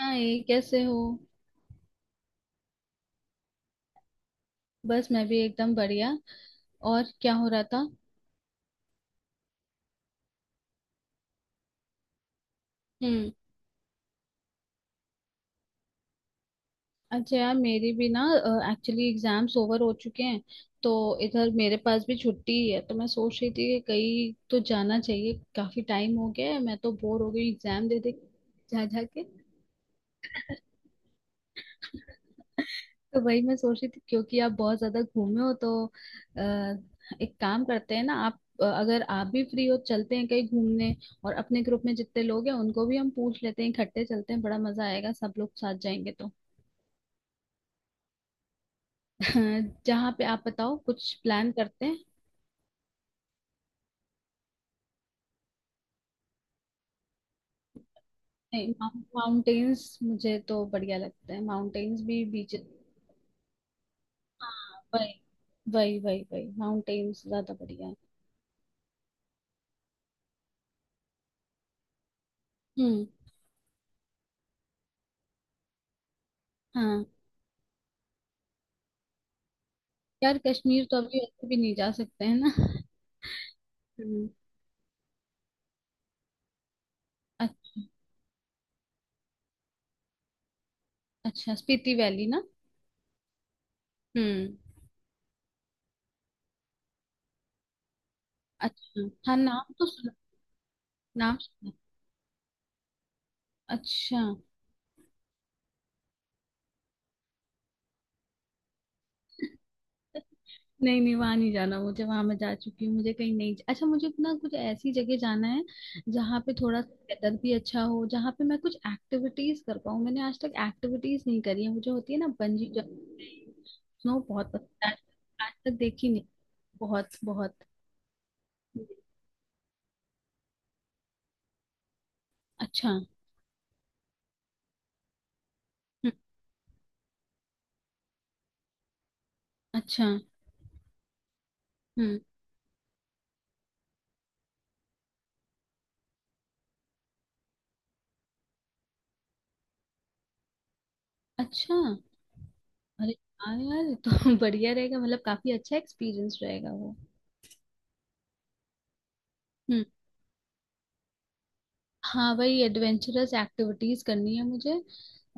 हाय, कैसे हो। बस मैं भी एकदम बढ़िया। और क्या हो रहा था। हम्म। अच्छा यार, मेरी भी ना एक्चुअली एग्जाम्स ओवर हो चुके हैं, तो इधर मेरे पास भी छुट्टी ही है। तो मैं सोच रही थी कि कहीं तो जाना चाहिए, काफी टाइम हो गया है, मैं तो बोर हो गई एग्जाम दे दे जा जा के तो वही मैं सोच रही थी, क्योंकि आप बहुत ज्यादा घूमे हो तो एक काम करते हैं ना आप, अगर आप भी फ्री हो चलते हैं कहीं घूमने। और अपने ग्रुप में जितने लोग हैं उनको भी हम पूछ लेते हैं, इकट्ठे चलते हैं, बड़ा मजा आएगा सब लोग साथ जाएंगे तो। जहाँ पे आप बताओ, कुछ प्लान करते हैं। नहीं, माउंटेन्स मुझे तो बढ़िया लगता है, माउंटेन्स भी बीच। हाँ वही। वही माउंटेन्स ज्यादा बढ़िया है। हम्म। हाँ यार, कश्मीर तो अभी ऐसे भी नहीं जा सकते हैं ना। हम्म, अच्छा। अच्छा, स्पीति वैली ना। हम्म। अच्छा, हाँ नाम तो सुना। नाम सुना। अच्छा। नहीं नहीं, वहां नहीं जाना, मुझे वहां मैं जा चुकी हूँ। मुझे कहीं नहीं, अच्छा मुझे अपना कुछ ऐसी जगह जाना है जहाँ पे थोड़ा वेदर भी अच्छा हो, जहाँ पे मैं कुछ एक्टिविटीज कर पाऊँ। मैंने आज तक एक्टिविटीज नहीं करी है, मुझे होती है ना बंजी जंपिंग। स्नो बहुत पसंद है। आज आज तक देखी नहीं। बहुत बहुत। अच्छा अच्छा। हम्म। अच्छा। अरे, हाँ यार ये तो बढ़िया रहेगा, मतलब काफी अच्छा एक्सपीरियंस रहेगा वो। हम्म। हाँ वही एडवेंचरस एक्टिविटीज करनी है मुझे।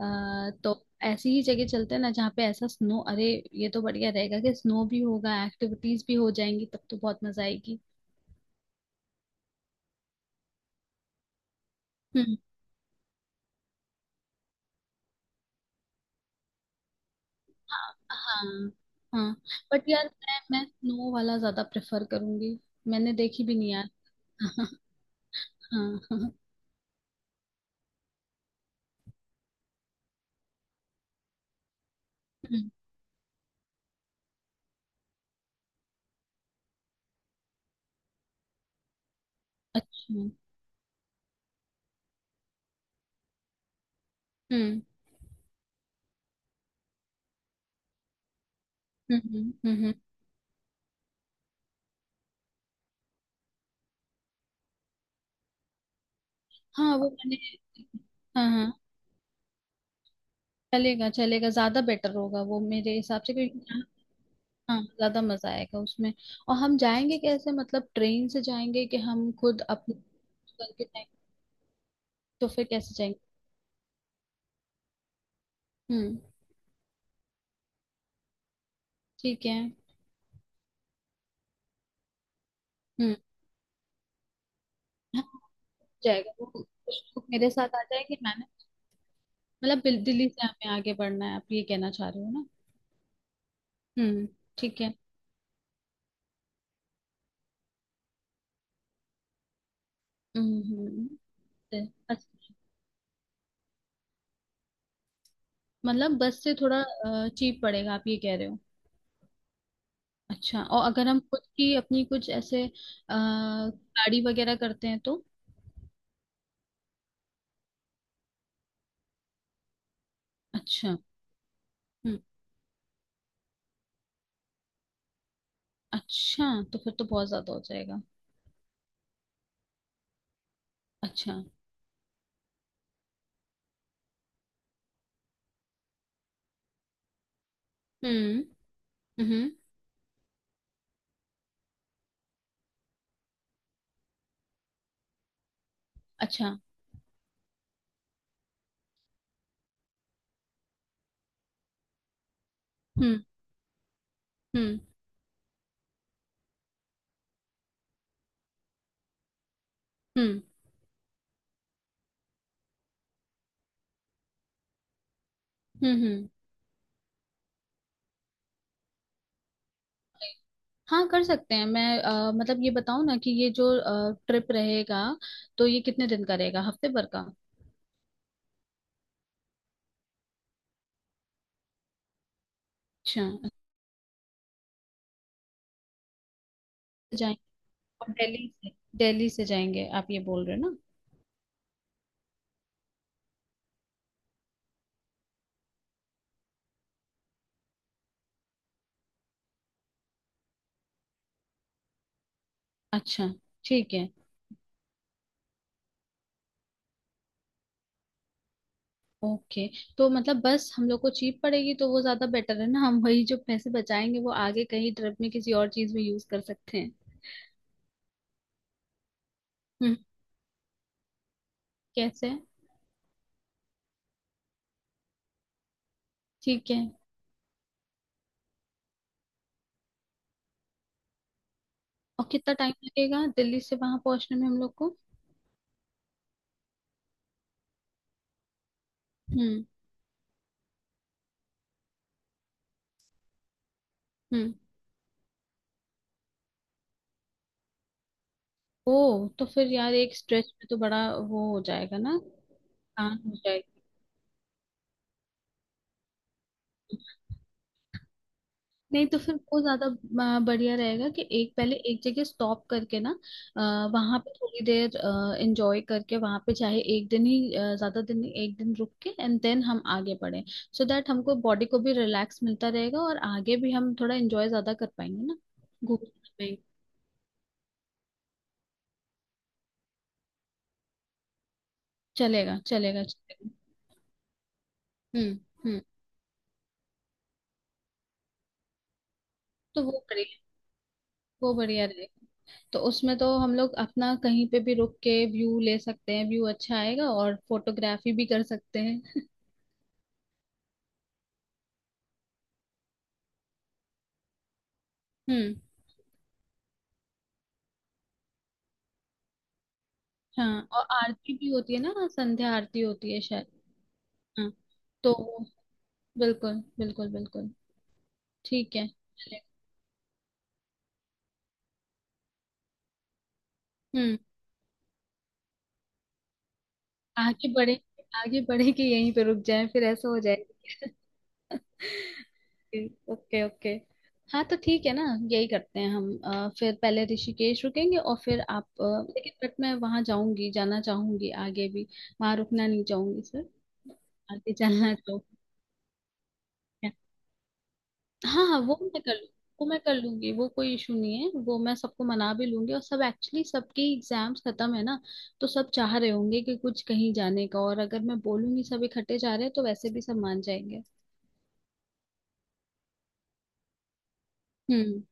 तो ऐसी ही जगह चलते हैं ना जहाँ पे ऐसा स्नो। अरे ये तो बढ़िया रहेगा कि स्नो भी होगा, एक्टिविटीज भी हो जाएंगी, तब तो बहुत मजा आएगी। हम्म। हाँ हाँ। हाँ बट यार, मैं स्नो वाला ज्यादा प्रेफर करूंगी। मैंने देखी भी नहीं यार। हाँ। हाँ हाँ, हम्म, अच्छा। हम्म हम्म हम्म हम्म, हाँ वो मैंने। हाँ हाँ, चलेगा चलेगा, ज्यादा बेटर होगा वो मेरे हिसाब से, क्योंकि हाँ ज्यादा मजा आएगा उसमें। और हम जाएंगे कैसे, मतलब ट्रेन से जाएंगे कि हम खुद अपने करके जाएंगे। तो फिर कैसे जाएंगे। हम्म। ठीक है। हम्म। हाँ, जाएगा वो कुछ लोग मेरे साथ आ जाएंगे मैंने। मतलब बिल- दिल्ली से हमें आगे बढ़ना है, आप ये कहना चाह रहे हो ना। हम्म। ठीक है। हम्म हम्म, अच्छा, मतलब बस से थोड़ा चीप पड़ेगा आप ये कह रहे हो। अच्छा, और अगर हम खुद की अपनी कुछ ऐसे गाड़ी वगैरह करते हैं तो। अच्छा। हम्म। अच्छा तो फिर तो बहुत ज्यादा हो जाएगा। अच्छा। हम्म। हम्म अच्छा हम्म हम्म हम्म हम्म। हाँ कर सकते हैं। मैं मतलब ये बताऊँ ना कि ये जो ट्रिप रहेगा, तो ये कितने दिन का रहेगा, हफ्ते भर का। अच्छा अच्छा, जाएंगे। और दिल्ली से, दिल्ली से जाएंगे आप ये बोल रहे हो ना। अच्छा, ठीक है। ओके, तो मतलब बस हम लोग को चीप पड़ेगी, तो वो ज्यादा बेटर है ना, हम वही जो पैसे बचाएंगे वो आगे कहीं ट्रिप में किसी और चीज में यूज कर सकते हैं। हम्म, कैसे है? ठीक है। और कितना टाइम लगेगा दिल्ली से वहां पहुंचने में हम लोग को। हम्म। हम्म। ओ तो फिर यार एक स्ट्रेच में तो बड़ा वो हो जाएगा ना। आसान हो। नहीं तो फिर वो ज्यादा बढ़िया रहेगा कि एक पहले एक जगह स्टॉप करके ना वहां पे थोड़ी देर एंजॉय करके, वहां पे चाहे एक दिन ही ज्यादा दिन नहीं, एक दिन रुक के एंड देन हम आगे बढ़े, सो दैट हमको बॉडी को भी रिलैक्स मिलता रहेगा और आगे भी हम थोड़ा एंजॉय ज्यादा कर पाएंगे ना, घूम पाएंगे। चलेगा चलेगा चलेगा हम्म। हम्म। तो वो बढ़िया, वो बढ़िया रहेगा। तो उसमें तो हम लोग अपना कहीं पे भी रुक के व्यू ले सकते हैं, व्यू अच्छा आएगा और फोटोग्राफी भी कर सकते हैं। हम्म। हाँ, और आरती भी होती है ना, संध्या आरती होती है शायद। हाँ तो वो- बिल्कुल बिल्कुल बिल्कुल ठीक है। हम्म। आगे बढ़े, आगे बढ़े कि यहीं पे रुक जाए, फिर ऐसा हो जाएगा। Okay okay. हाँ तो ठीक है ना, यही करते हैं हम। फिर पहले ऋषिकेश रुकेंगे और फिर आप लेकिन बट मैं वहां जाऊंगी, जाना चाहूंगी आगे भी। वहां रुकना नहीं चाहूंगी सर, आगे जाना चाहूंगी। हाँ हाँ, वो मैं कर लूँ, वो मैं कर लूंगी, वो कोई इशू नहीं है। वो मैं सबको मना भी लूंगी, और सब एक्चुअली सबके एग्जाम्स खत्म है ना, तो सब चाह रहे होंगे कि कुछ कहीं जाने का, और अगर मैं बोलूंगी सब इकट्ठे जा रहे हैं तो वैसे भी सब मान जाएंगे। हम्म।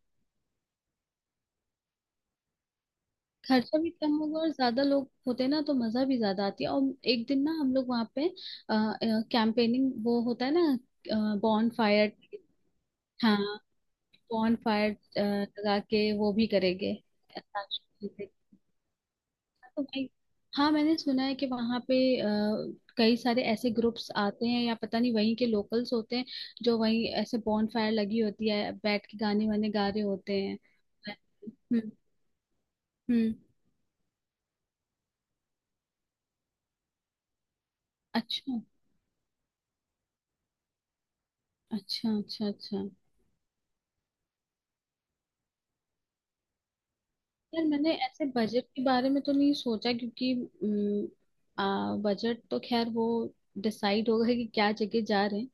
खर्चा भी कम होगा, और ज्यादा लोग होते ना तो मजा भी ज्यादा आती है। और एक दिन ना हम लोग वहाँ पे कैंपेनिंग, वो होता है ना, बॉन फायर। हाँ, बॉन फायर लगा के वो भी करेंगे। तो भाई, हाँ मैंने सुना है कि वहाँ पे अ, कई सारे ऐसे ग्रुप्स आते हैं, या पता नहीं वहीं के लोकल्स होते हैं जो वहीं ऐसे बॉन फायर लगी होती है बैठ के गाने वाने गा रहे होते हैं। हम्म। हम्म। अच्छा अच्छा अच्छा अच्छा यार, मैंने ऐसे बजट के बारे में तो नहीं सोचा, क्योंकि अम, बजट तो खैर वो डिसाइड होगा कि क्या जगह जा रहे हैं।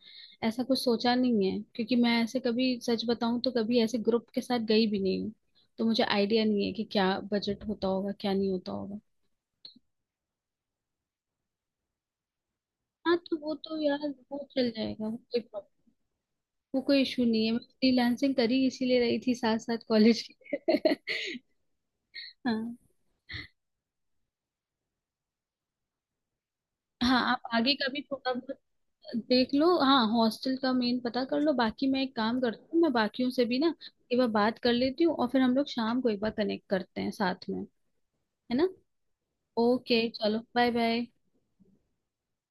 ऐसा कुछ सोचा नहीं है क्योंकि मैं ऐसे कभी सच बताऊं तो कभी ऐसे ग्रुप के साथ गई भी नहीं हूँ, तो मुझे आइडिया नहीं है कि क्या बजट होता होगा क्या नहीं होता होगा। हाँ तो वो तो यार वो चल जाएगा, वो कोई प्रॉब्लम, वो कोई इशू नहीं है। मैं फ्रीलांसिंग करी इसीलिए रही थी साथ साथ कॉलेज के। हाँ। हाँ आप आगे का भी थोड़ा देख लो, हाँ हॉस्टल का मेन पता कर लो। बाकी मैं एक काम करती हूँ, मैं बाकियों से भी ना एक बार बात कर लेती हूँ, और फिर हम लोग शाम को एक बार कनेक्ट करते हैं साथ में, है ना। ओके चलो, बाय बाय।